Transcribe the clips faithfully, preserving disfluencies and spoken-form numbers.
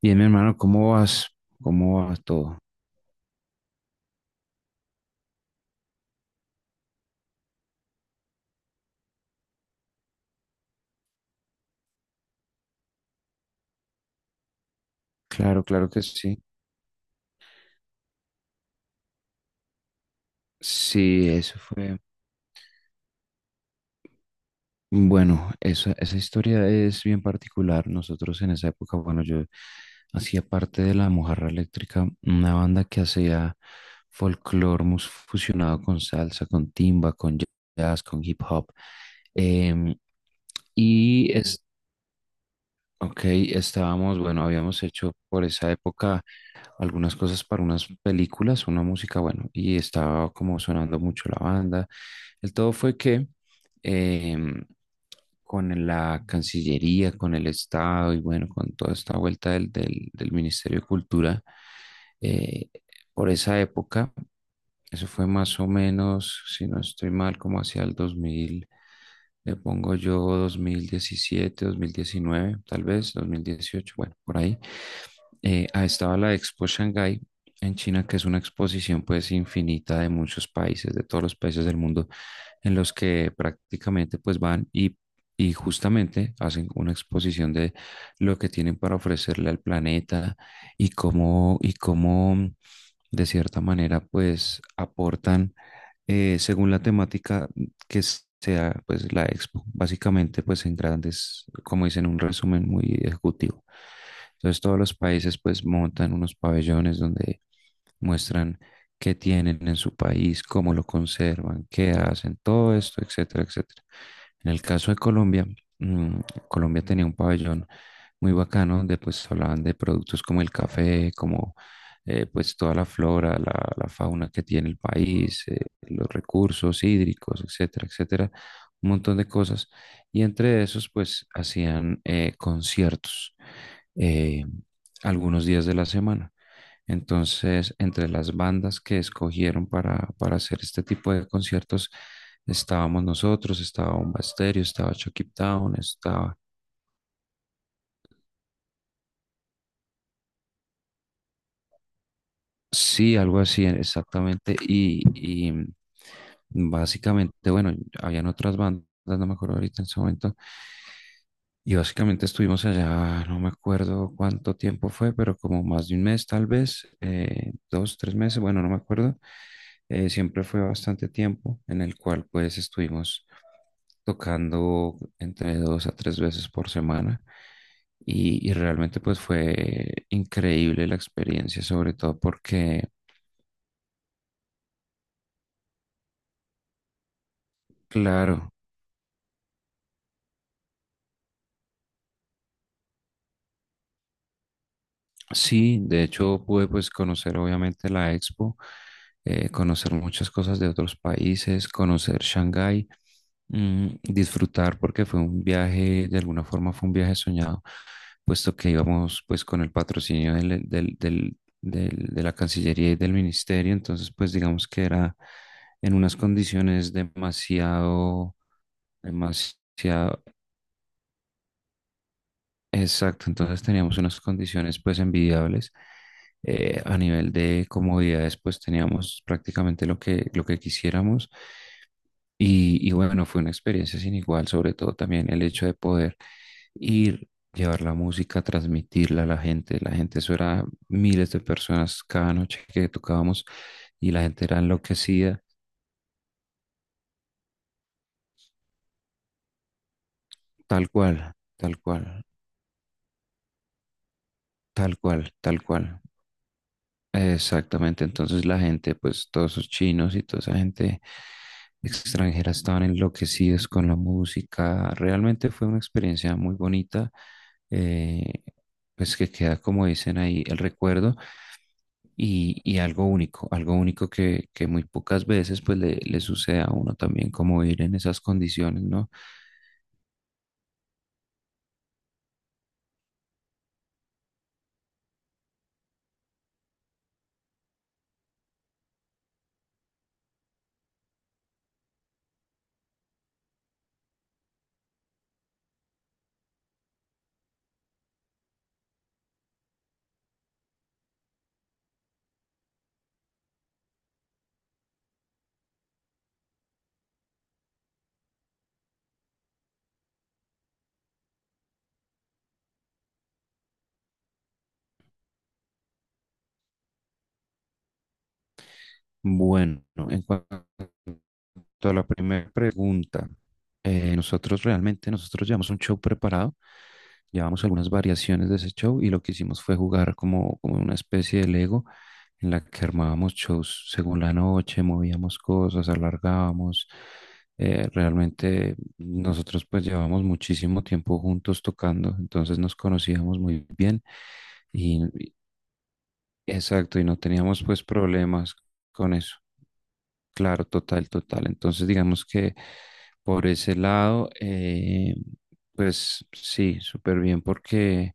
Bien, mi hermano, ¿cómo vas? ¿Cómo va todo? Claro, claro que sí. Sí, eso fue. Bueno, esa, esa historia es bien particular. Nosotros en esa época, bueno, yo hacía parte de La Mojarra Eléctrica, una banda que hacía folclore mus- fusionado con salsa, con timba, con jazz, con hip hop. Em, y es, ok, estábamos, bueno, habíamos hecho por esa época algunas cosas para unas películas, una música, bueno, y estaba como sonando mucho la banda. El todo fue que em, con la Cancillería, con el Estado y bueno, con toda esta vuelta del, del- del Ministerio de Cultura, eh, por esa época. Eso fue más o menos, si no estoy mal, como hacia el dos mil, le pongo yo dos mil diecisiete, dos mil diecinueve, tal vez dos mil dieciocho, bueno, por ahí. Eh, ah, estaba la Expo Shanghai en China, que es una exposición pues infinita de muchos países, de todos los países del mundo, en los que prácticamente pues van y, y justamente hacen una exposición de lo que tienen para ofrecerle al planeta y cómo, y cómo de cierta manera, pues aportan eh, según la temática que sea pues la expo, básicamente pues en grandes, como dicen, un resumen muy ejecutivo. Entonces todos los países pues montan unos pabellones donde muestran qué tienen en su país, cómo lo conservan, qué hacen, todo esto, etcétera, etcétera. En el caso de Colombia, mm, Colombia tenía un pabellón muy bacano donde pues hablaban de productos como el café, como eh, pues toda la flora, la, la fauna que tiene el país, eh, los recursos hídricos, etcétera, etcétera, un montón de cosas. Y entre esos pues hacían eh, conciertos eh, algunos días de la semana. Entonces, entre las bandas que escogieron para, para hacer este tipo de conciertos, estábamos nosotros, estaba Bomba Estéreo, estaba Chucky Town, estaba... Sí, algo así, exactamente. Y, y mm, básicamente, bueno, habían otras bandas, no me acuerdo ahorita en ese momento. Y básicamente estuvimos allá, no me acuerdo cuánto tiempo fue, pero como más de un mes tal vez, eh, dos, tres meses, bueno, no me acuerdo. Eh, siempre fue bastante tiempo en el cual pues estuvimos tocando entre dos a tres veces por semana y, y realmente pues fue increíble la experiencia, sobre todo porque, claro, sí, de hecho pude pues conocer obviamente la expo, eh, conocer muchas cosas de otros países, conocer Shanghái, mm, disfrutar porque fue un viaje, de alguna forma fue un viaje soñado, puesto que íbamos pues con el patrocinio del, del- del- del- de la Cancillería y del Ministerio, entonces pues digamos que era en unas condiciones demasiado, demasiado, exacto, entonces teníamos unas condiciones pues envidiables, eh, a nivel de comodidades, pues teníamos prácticamente lo que, lo que quisiéramos. Y, y bueno, fue una experiencia sin igual, sobre todo también el hecho de poder ir, llevar la música, transmitirla a la gente. La gente, eso era miles de personas cada noche que tocábamos y la gente era enloquecida, tal cual, tal cual, tal cual, tal cual. Exactamente, entonces la gente, pues todos esos chinos y toda esa gente extranjera estaban enloquecidos con la música. Realmente fue una experiencia muy bonita, eh, pues que queda, como dicen ahí, el recuerdo y, y algo único, algo único que, que muy pocas veces pues le, le sucede a uno también como ir en esas condiciones, ¿no? Bueno, en cuanto a la primera pregunta, eh, nosotros realmente, nosotros llevamos un show preparado, llevamos algunas variaciones de ese show y lo que hicimos fue jugar como, como una especie de Lego en la que armábamos shows según la noche, movíamos cosas, alargábamos. Eh, realmente nosotros pues llevamos muchísimo tiempo juntos tocando, entonces nos conocíamos muy bien y exacto, y no teníamos pues problemas con eso. Claro, total, total. Entonces, digamos que por ese lado, eh, pues sí, súper bien porque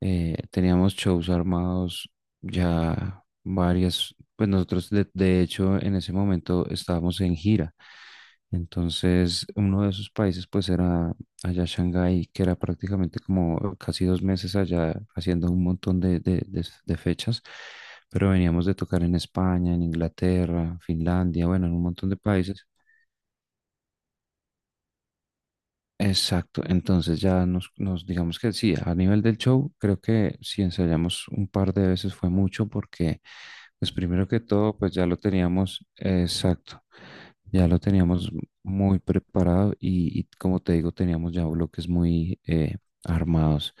eh, teníamos shows armados ya varias, pues nosotros de, de hecho en ese momento estábamos en gira. Entonces, uno de esos países pues era allá a Shanghái, que era prácticamente como casi dos meses allá haciendo un montón de, de- de- de fechas, pero veníamos de tocar en España, en Inglaterra, Finlandia, bueno, en un montón de países. Exacto, entonces ya nos, nos digamos que sí, a nivel del show, creo que si ensayamos un par de veces fue mucho porque, pues primero que todo, pues ya lo teníamos, exacto, ya lo teníamos muy preparado y, y como te digo, teníamos ya bloques muy eh, armados.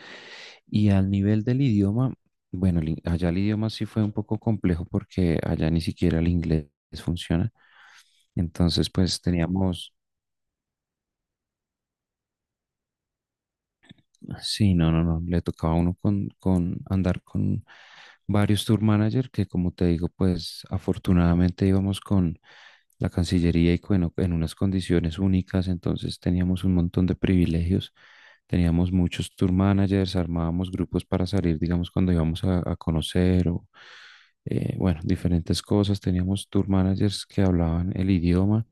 Y al nivel del idioma, bueno, el in- allá el idioma sí fue un poco complejo porque allá ni siquiera el inglés funciona. Entonces, pues teníamos... Sí, no, no, no. Le tocaba a uno con, con andar con varios tour manager que, como te digo, pues afortunadamente íbamos con la Cancillería y bueno, en unas condiciones únicas, entonces teníamos un montón de privilegios, teníamos muchos tour managers, armábamos grupos para salir, digamos, cuando íbamos a, a conocer o, eh, bueno, diferentes cosas, teníamos tour managers que hablaban el idioma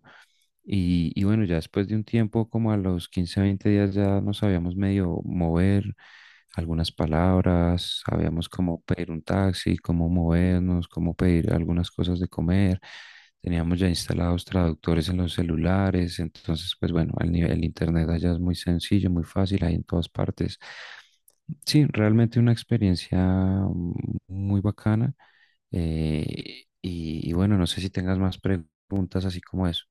y, y bueno, ya después de un tiempo, como a los quince, veinte días, ya nos sabíamos medio mover algunas palabras, sabíamos cómo pedir un taxi, cómo movernos, cómo pedir algunas cosas de comer. Teníamos ya instalados traductores en los celulares, entonces, pues bueno, el nivel, el internet allá es muy sencillo, muy fácil, hay en todas partes. Sí, realmente una experiencia, mm, muy bacana. Eh, y y bueno, no sé si tengas más preguntas así como eso.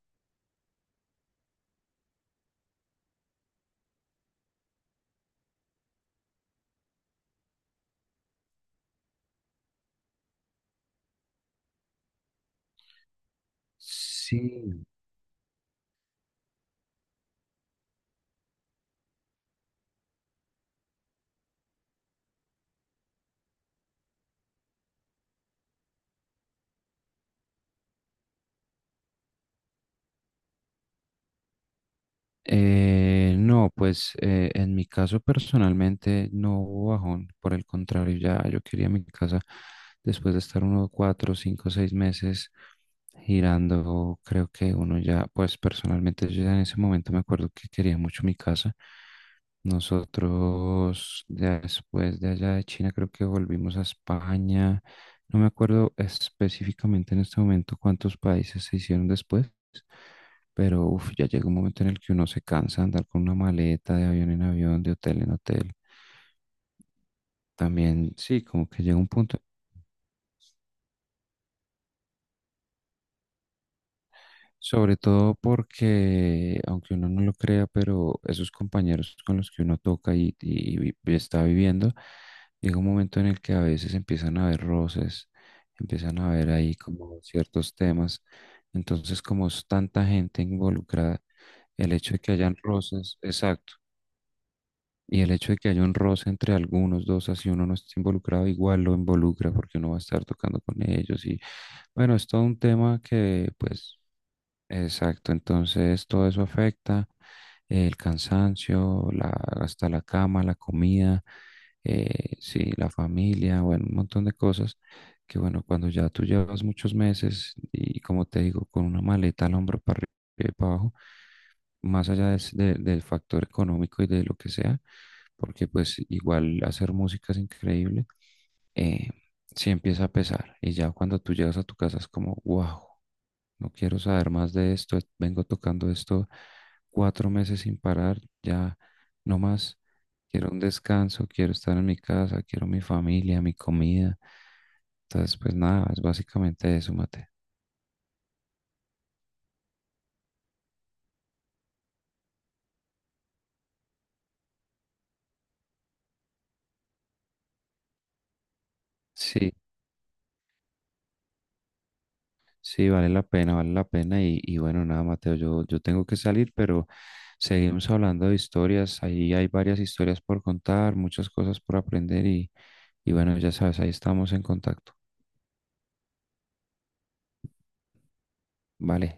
Sí, eh, no, pues eh, en mi caso personalmente no hubo bajón, por el contrario, ya yo quería mi casa después de estar unos cuatro, cinco, seis meses girando, creo que uno ya, pues personalmente yo ya en ese momento me acuerdo que quería mucho mi casa. Nosotros ya después de allá de China creo que volvimos a España. No me acuerdo específicamente en este momento cuántos países se hicieron después, pero uf, ya llega un momento en el que uno se cansa de andar con una maleta de avión en avión, de hotel en hotel. También sí, como que llega un punto. Sobre todo porque, aunque uno no lo crea, pero esos compañeros con los que uno toca y, y- y está viviendo, llega un momento en el que a veces empiezan a haber roces, empiezan a haber ahí como ciertos temas. Entonces, como es tanta gente involucrada, el hecho de que hayan roces, exacto, y el hecho de que haya un roce entre algunos dos, así uno no está involucrado, igual lo involucra porque uno va a estar tocando con ellos y bueno, es todo un tema que pues exacto, entonces todo eso afecta, eh, el cansancio, la, hasta la cama, la comida, eh, sí, la familia, bueno, un montón de cosas que bueno, cuando ya tú llevas muchos meses y como te digo, con una maleta al hombro para arriba y para abajo, más allá de s- de- del factor económico y de lo que sea, porque pues igual hacer música es increíble, eh, sí empieza a pesar y ya cuando tú llegas a tu casa es como, wow. No quiero saber más de esto. Vengo tocando esto cuatro meses sin parar. Ya no más. Quiero un descanso. Quiero estar en mi casa. Quiero mi familia, mi comida. Entonces, pues nada, es básicamente eso, Mateo. Sí, sí, vale la pena, vale la pena. Y, y bueno, nada, Mateo, yo, yo tengo que salir, pero seguimos hablando de historias. Ahí hay varias historias por contar, muchas cosas por aprender. Y, y bueno, ya sabes, ahí estamos en contacto. Vale.